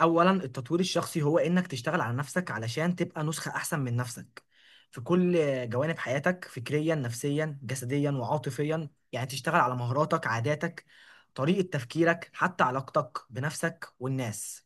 اولا، التطوير الشخصي هو انك تشتغل على نفسك علشان تبقى نسخة احسن من نفسك في كل جوانب حياتك: فكريا، نفسيا، جسديا، وعاطفيا. يعني تشتغل على مهاراتك، عاداتك، طريقة تفكيرك، حتى علاقتك بنفسك والناس.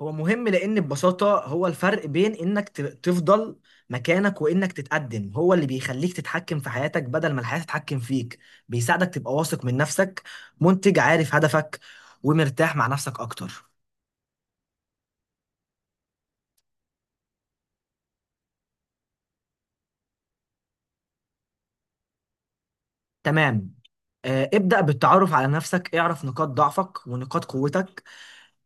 هو مهم لان ببساطة هو الفرق بين انك تفضل مكانك وانك تتقدم. هو اللي بيخليك تتحكم في حياتك بدل ما الحياة تتحكم فيك. بيساعدك تبقى واثق من نفسك، منتج، عارف هدفك، ومرتاح مع نفسك اكتر. تمام. ابدأ بالتعرف على نفسك، اعرف نقاط ضعفك ونقاط قوتك.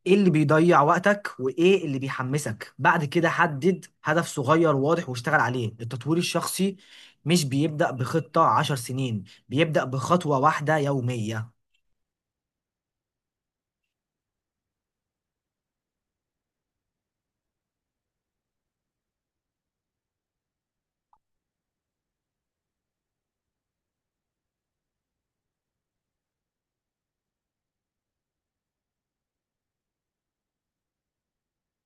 ايه اللي بيضيع وقتك وايه اللي بيحمسك؟ بعد كده حدد هدف صغير واضح واشتغل عليه. التطوير الشخصي مش بيبدأ بخطة 10 سنين، بيبدأ بخطوة واحدة يومية.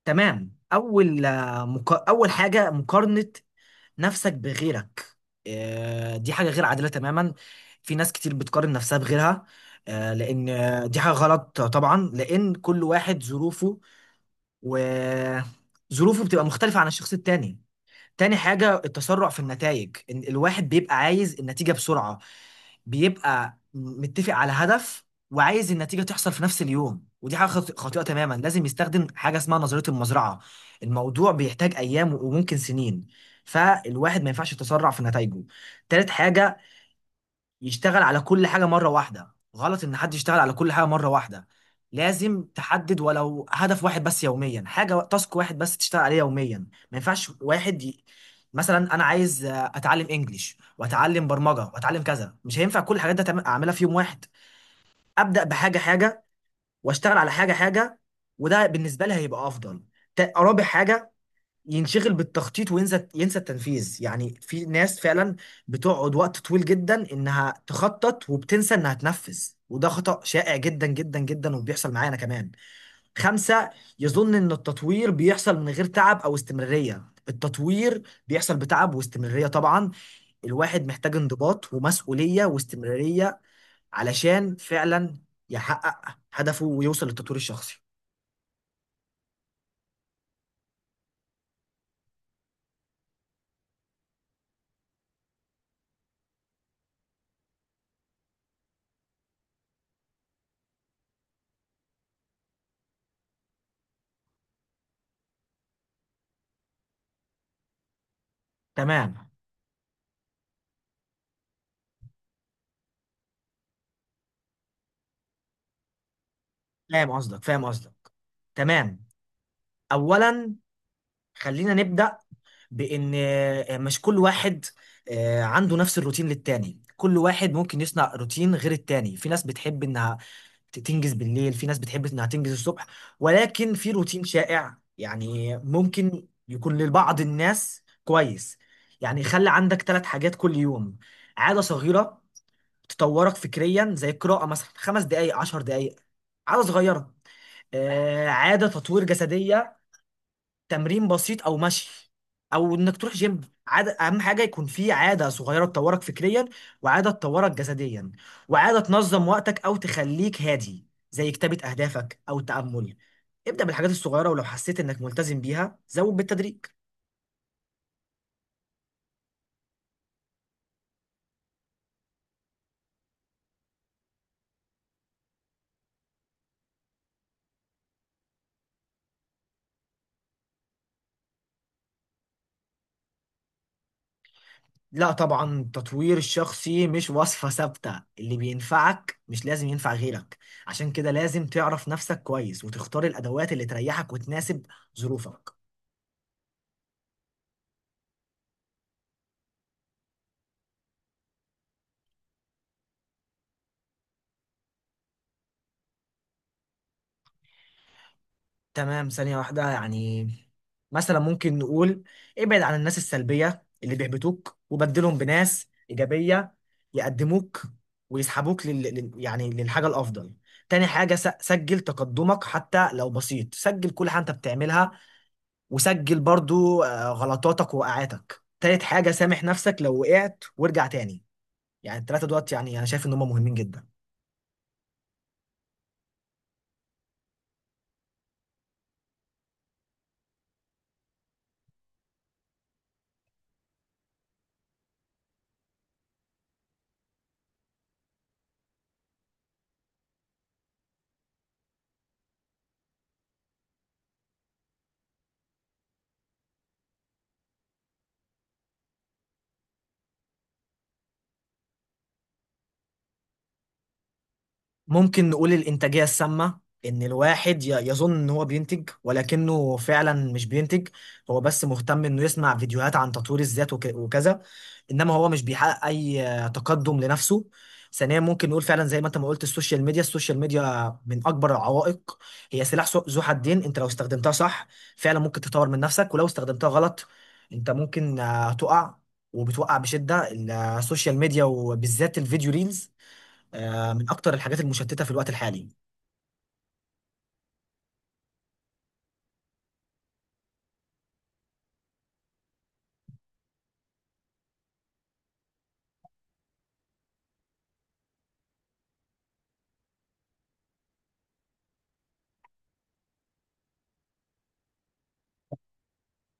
تمام. أول حاجة: مقارنة نفسك بغيرك. دي حاجة غير عادلة تماما. في ناس كتير بتقارن نفسها بغيرها. لأن دي حاجة غلط طبعا، لأن كل واحد ظروفه وظروفه بتبقى مختلفة عن الشخص التاني. تاني حاجة: التسرع في النتائج. إن الواحد بيبقى عايز النتيجة بسرعة، بيبقى متفق على هدف وعايز النتيجة تحصل في نفس اليوم. ودي حاجة خاطئة تماما. لازم يستخدم حاجة اسمها نظرية المزرعة. الموضوع بيحتاج أيام وممكن سنين، فالواحد ما ينفعش يتسرع في نتائجه. تالت حاجة: يشتغل على كل حاجة مرة واحدة. غلط إن حد يشتغل على كل حاجة مرة واحدة. لازم تحدد ولو هدف واحد بس يوميا، حاجة، تاسك واحد بس تشتغل عليه يوميا. ما ينفعش واحد مثلا أنا عايز أتعلم إنجليش وأتعلم برمجة وأتعلم كذا. مش هينفع كل الحاجات دي أعملها في يوم واحد. أبدأ بحاجة حاجة، وأشتغل على حاجة حاجة، وده بالنسبة لي هيبقى أفضل. رابع حاجة: ينشغل بالتخطيط وينسى التنفيذ. يعني في ناس فعلا بتقعد وقت طويل جدا انها تخطط وبتنسى انها تنفذ. وده خطأ شائع جدا جدا جدا، وبيحصل معانا كمان. خمسة: يظن ان التطوير بيحصل من غير تعب او استمرارية. التطوير بيحصل بتعب واستمرارية طبعا. الواحد محتاج انضباط ومسؤولية واستمرارية علشان فعلا يحقق هدفه ويوصل للتطوير الشخصي. تمام، فاهم قصدك فاهم قصدك. تمام. اولا، خلينا نبدأ بإن مش كل واحد عنده نفس الروتين للتاني. كل واحد ممكن يصنع روتين غير التاني. في ناس بتحب إنها تنجز بالليل، في ناس بتحب إنها تنجز الصبح. ولكن في روتين شائع يعني ممكن يكون لبعض الناس كويس. يعني خلي عندك 3 حاجات كل يوم: عادة صغيرة تطورك فكريا، زي القراءة مثلا، 5 دقايق، 10 دقايق. عادة صغيرة، عادة تطوير جسدية، تمرين بسيط او مشي او انك تروح جيم. عادة، اهم حاجه يكون في عاده صغيره تطورك فكريا، وعاده تطورك جسديا، وعاده تنظم وقتك او تخليك هادي، زي كتابه اهدافك او التامل. ابدا بالحاجات الصغيره، ولو حسيت انك ملتزم بيها زود بالتدريج. لا طبعا، التطوير الشخصي مش وصفه ثابته. اللي بينفعك مش لازم ينفع غيرك. عشان كده لازم تعرف نفسك كويس وتختار الادوات اللي تريحك وتناسب ظروفك. تمام، ثانية واحدة يعني. مثلا ممكن نقول: ابعد عن الناس السلبية اللي بيحبطوك وبدلهم بناس إيجابية يقدموك ويسحبوك يعني للحاجة الأفضل. تاني حاجة: سجل تقدمك حتى لو بسيط. سجل كل حاجة أنت بتعملها، وسجل برضو غلطاتك ووقعاتك. تالت حاجة: سامح نفسك لو وقعت وارجع تاني. يعني التلاتة دوت، يعني أنا شايف إن هم مهمين جدا. ممكن نقول الإنتاجية السامة: إن الواحد يظن إن هو بينتج ولكنه فعلا مش بينتج. هو بس مهتم إنه يسمع فيديوهات عن تطوير الذات وكذا، إنما هو مش بيحقق أي تقدم لنفسه. ثانيا، ممكن نقول فعلا زي ما أنت ما قلت: السوشيال ميديا. السوشيال ميديا من أكبر العوائق. هي سلاح ذو حدين. أنت لو استخدمتها صح فعلا ممكن تطور من نفسك، ولو استخدمتها غلط أنت ممكن تقع، وبتوقع بشدة. السوشيال ميديا وبالذات الفيديو ريلز من أكتر الحاجات المشتتة في الوقت الحالي.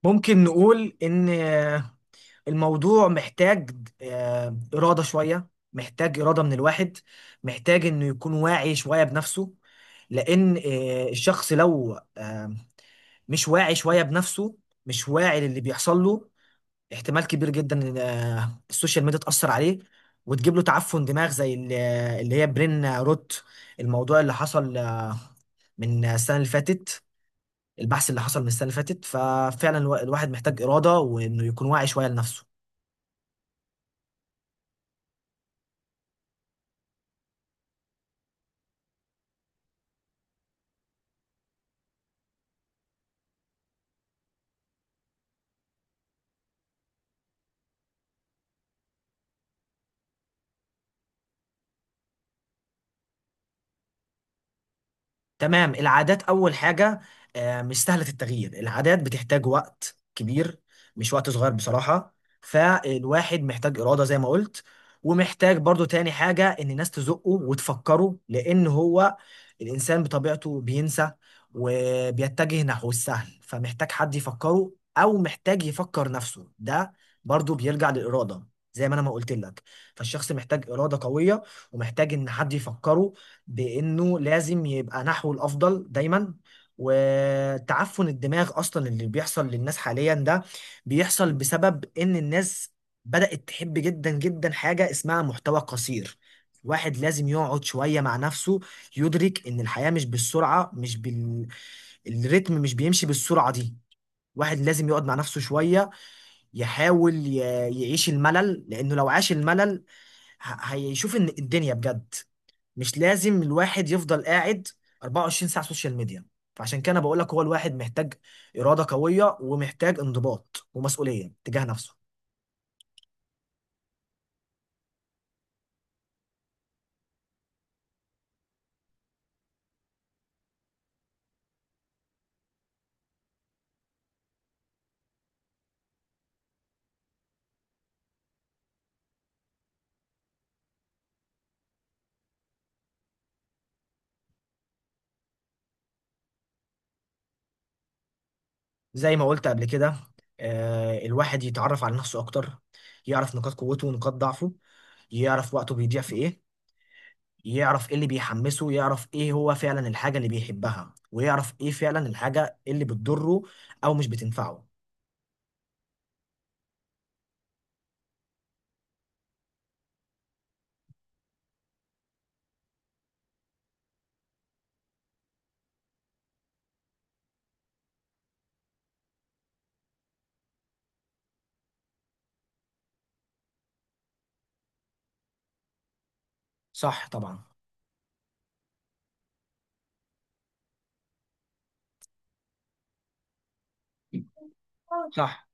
ممكن نقول إن الموضوع محتاج إرادة شوية. محتاج إرادة من الواحد. محتاج إنه يكون واعي شوية بنفسه. لأن الشخص لو مش واعي شوية بنفسه، مش واعي للي بيحصل له، احتمال كبير جدا إن السوشيال ميديا تأثر عليه وتجيب له تعفن دماغ، زي اللي هي برين روت، الموضوع اللي حصل من السنة اللي فاتت. البحث اللي حصل من السنه اللي فاتت، ففعلا الواحد محتاج اراده وانه يكون واعي شويه لنفسه. تمام. العادات أول حاجة مش سهلة التغيير. العادات بتحتاج وقت كبير، مش وقت صغير بصراحة. فالواحد محتاج إرادة زي ما قلت، ومحتاج برضو تاني حاجة: إن الناس تزقه وتفكره. لأن هو الإنسان بطبيعته بينسى، وبيتجه نحو السهل، فمحتاج حد يفكره، أو محتاج يفكر نفسه. ده برضو بيرجع للإرادة، زي ما أنا ما قلت لك. فالشخص محتاج إرادة قوية، ومحتاج إن حد يفكره بانه لازم يبقى نحو الافضل دايما. وتعفن الدماغ اصلا اللي بيحصل للناس حاليا ده بيحصل بسبب ان الناس بدأت تحب جدا جدا حاجة اسمها محتوى قصير. واحد لازم يقعد شوية مع نفسه، يدرك ان الحياة مش بالسرعة، مش بال الريتم مش بيمشي بالسرعة دي. واحد لازم يقعد مع نفسه شوية، يحاول يعيش الملل. لانه لو عاش الملل هيشوف ان الدنيا بجد. مش لازم الواحد يفضل قاعد 24 ساعة سوشيال ميديا. فعشان كده انا بقول لك: هو الواحد محتاج إرادة قوية، ومحتاج انضباط ومسؤولية تجاه نفسه. زي ما قلت قبل كده، الواحد يتعرف على نفسه أكتر. يعرف نقاط قوته ونقاط ضعفه. يعرف وقته بيضيع في إيه. يعرف إيه اللي بيحمسه. يعرف إيه هو فعلا الحاجة اللي بيحبها، ويعرف إيه فعلا الحاجة اللي بتضره أو مش بتنفعه. صح طبعا. صح.